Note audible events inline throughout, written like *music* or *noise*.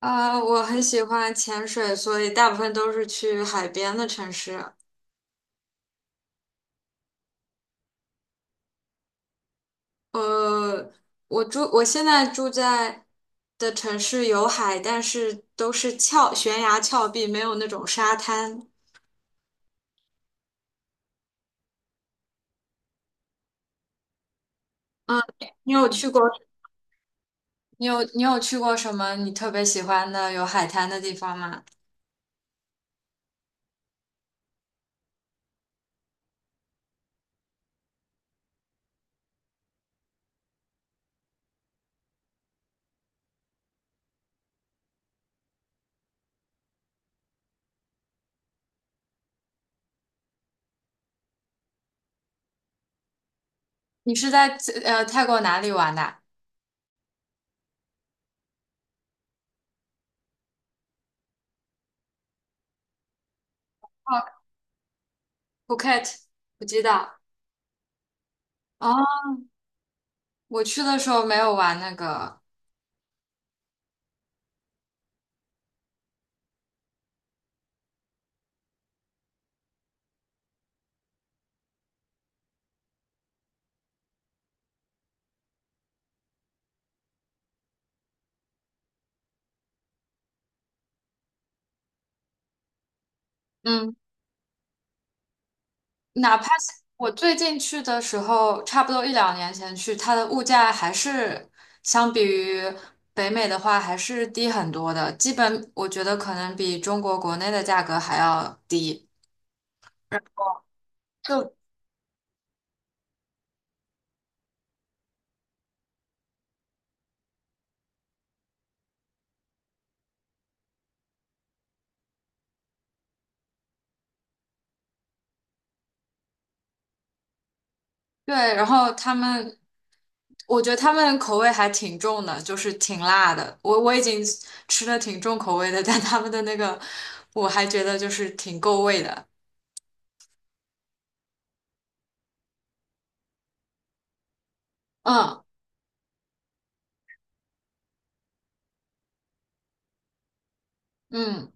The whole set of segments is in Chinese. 啊，我很喜欢潜水，所以大部分都是去海边的城市。呃，我现在住在的城市有海，但是都是悬崖峭壁，没有那种沙滩。嗯，你有去过？你有去过什么你特别喜欢的有海滩的地方吗？你是在泰国哪里玩的啊？哦，Phuket，普吉岛。哦，我去的时候没有玩那个。嗯。哪怕是我最近去的时候，差不多一两年前去，它的物价还是相比于北美的话还是低很多的，基本我觉得可能比中国国内的价格还要低。就对，然后他们，我觉得他们口味还挺重的，就是挺辣的。我已经吃的挺重口味的，但他们的那个我还觉得就是挺够味的。嗯嗯。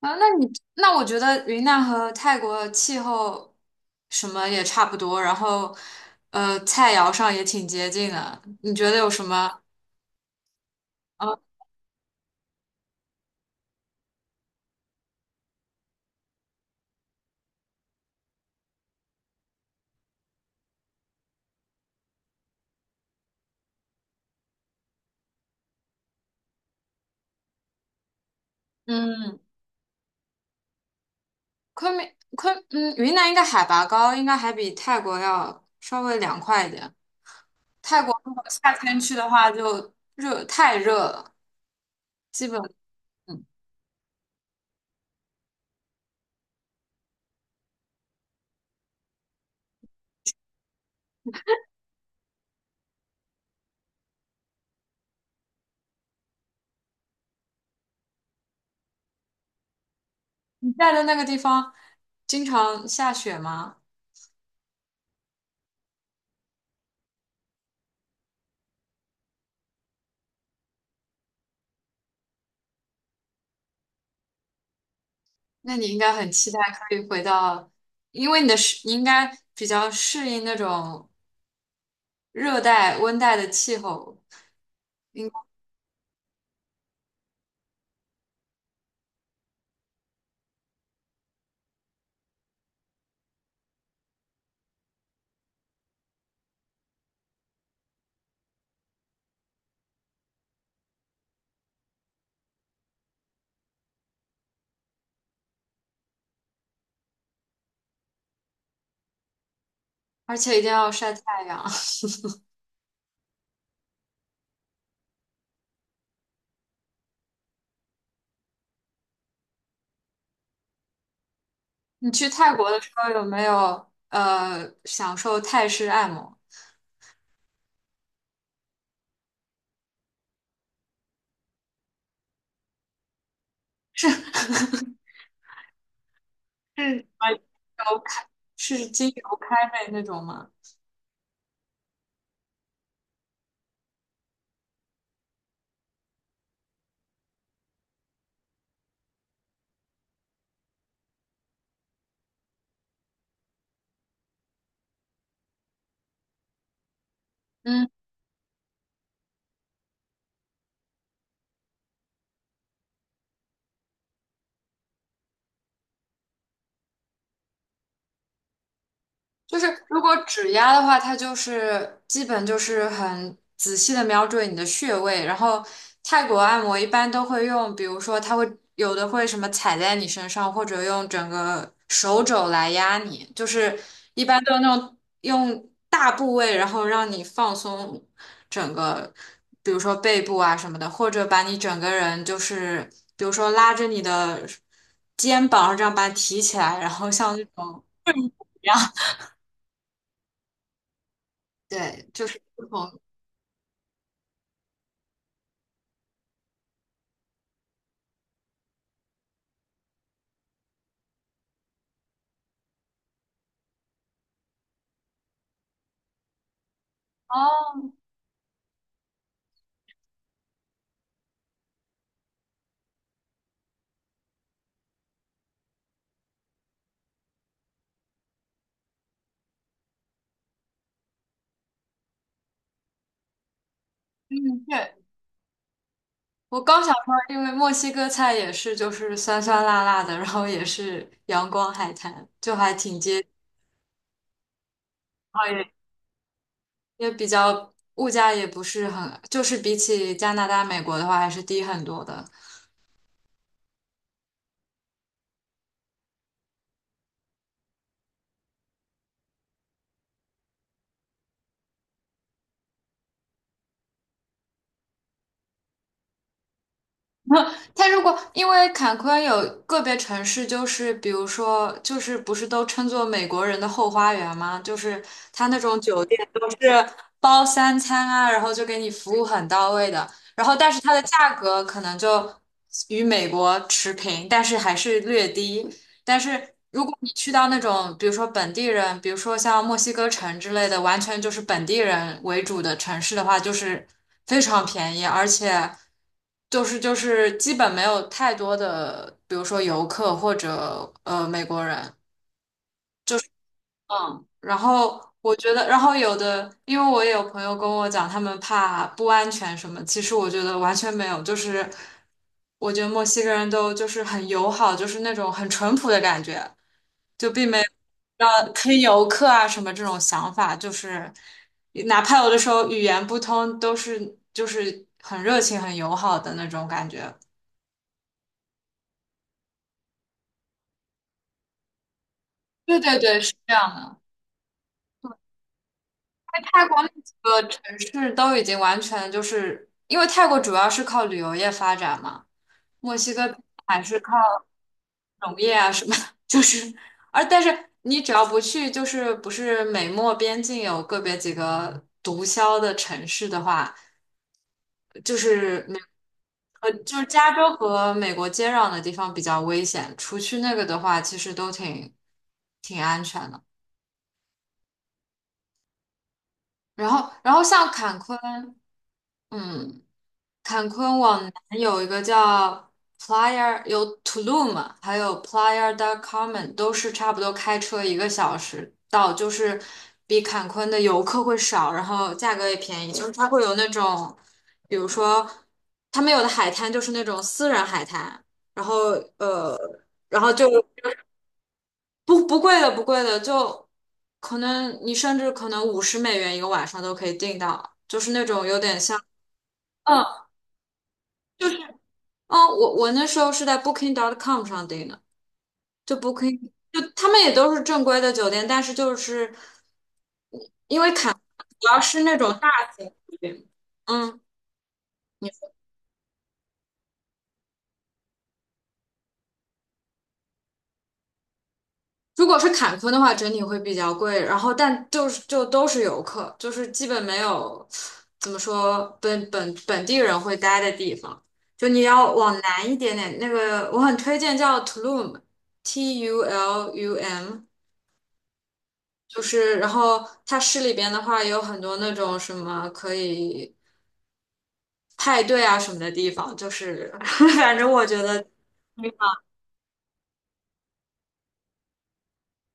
啊，那我觉得云南和泰国的气候什么也差不多，然后菜肴上也挺接近的。你觉得有什么？啊？嗯，昆明昆嗯，云南应该海拔高，应该还比泰国要稍微凉快一点。泰国如果夏天去的话，就热太热了，基本嗯，你在的那个地方经常下雪吗？那你应该很期待可以回到，因为你的适，你应该比较适应那种热带、温带的气候，应，而且一定要晒太阳。*laughs* 你去泰国的时候有没有享受泰式按摩？是什么精油开，是精油开背那种吗？嗯。就是如果指压的话，它就是基本就是很仔细的瞄准你的穴位，然后泰国按摩一般都会用，比如说有的会什么踩在你身上，或者用整个手肘来压你，就是一般都那种用大部位，然后让你放松整个，比如说背部啊什么的，或者把你整个人就是比如说拉着你的肩膀，这样把它提起来，然后像那种。对，就是不同。哦，嗯，对，我刚想说，因为墨西哥菜也是就是酸酸辣辣的，然后也是阳光海滩，就还挺接，然后也比较物价也不是很，就是比起加拿大、美国的话还是低很多的。*laughs* 他如果因为坎昆有个别城市，就是比如说，就是不是都称作美国人的后花园吗？就是他那种酒店都是包三餐啊，然后就给你服务很到位的。然后，但是它的价格可能就与美国持平，但是还是略低。但是如果你去到那种，比如说本地人，比如说像墨西哥城之类的，完全就是本地人为主的城市的话，就是非常便宜，而且就是基本没有太多的，比如说游客或者美国人。嗯，然后我觉得，然后有的，因为我也有朋友跟我讲，他们怕不安全什么，其实我觉得完全没有，就是我觉得墨西哥人都就是很友好，就是那种很淳朴的感觉。就并没有坑游客啊什么这种想法，就是哪怕有的时候语言不通，都是就是很热情、很友好的那种感觉。对对对，是这样的。泰国那几个城市都已经完全就是，因为泰国主要是靠旅游业发展嘛，墨西哥还是靠农业啊什么，*laughs* 就是而但是你只要不去，就是不是美墨边境有个别几个毒枭的城市的话。就是没。就是加州和美国接壤的地方比较危险，除去那个的话，其实都挺安全的。然后像坎昆，嗯，坎昆往南有一个叫 Playa，有 Tulum，还有 Playa del Carmen，都是差不多开车一个小时到，就是比坎昆的游客会少，然后价格也便宜。就是它会有那种，比如说他们有的海滩就是那种私人海滩，然后呃，然后就不贵的，就可能你甚至可能50美元一个晚上都可以订到，就是那种有点像。嗯。就哦，我那时候是在 Booking.com 上订的，就 Booking，就他们也都是正规的酒店，但是就是主要是那种大型酒店。嗯，你如果是坎昆的话，整体会比较贵，然后但就是就都是游客，就是基本没有怎么说本地人会待的地方。就你要往南一点点，那个我很推荐叫 Tulum，T U L U M，就是，然后它市里边的话有很多那种什么可以派对啊什么的地方，就是 *laughs* 反正我觉得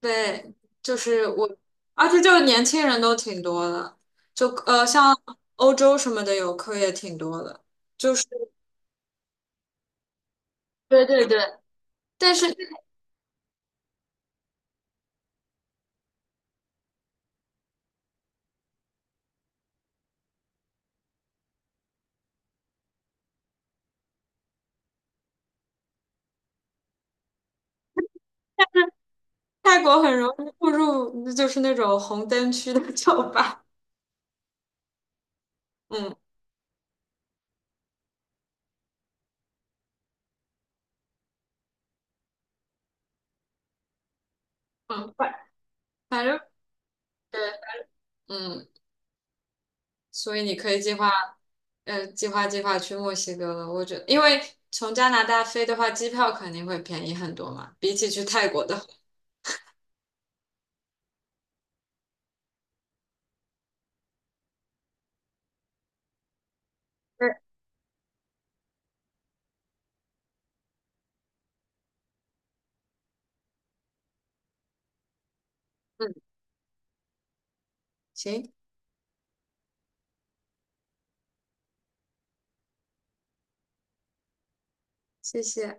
对，就是我，而且就是年轻人都挺多的，就像欧洲什么的游客也挺多的，就是对对对，但是泰国很容易步入就是那种红灯区的酒吧，嗯嗯，反正对，嗯，所以你可以计划。计划计划去墨西哥了。我觉得，因为从加拿大飞的话，机票肯定会便宜很多嘛，比起去泰国的。对嗯，行，谢谢。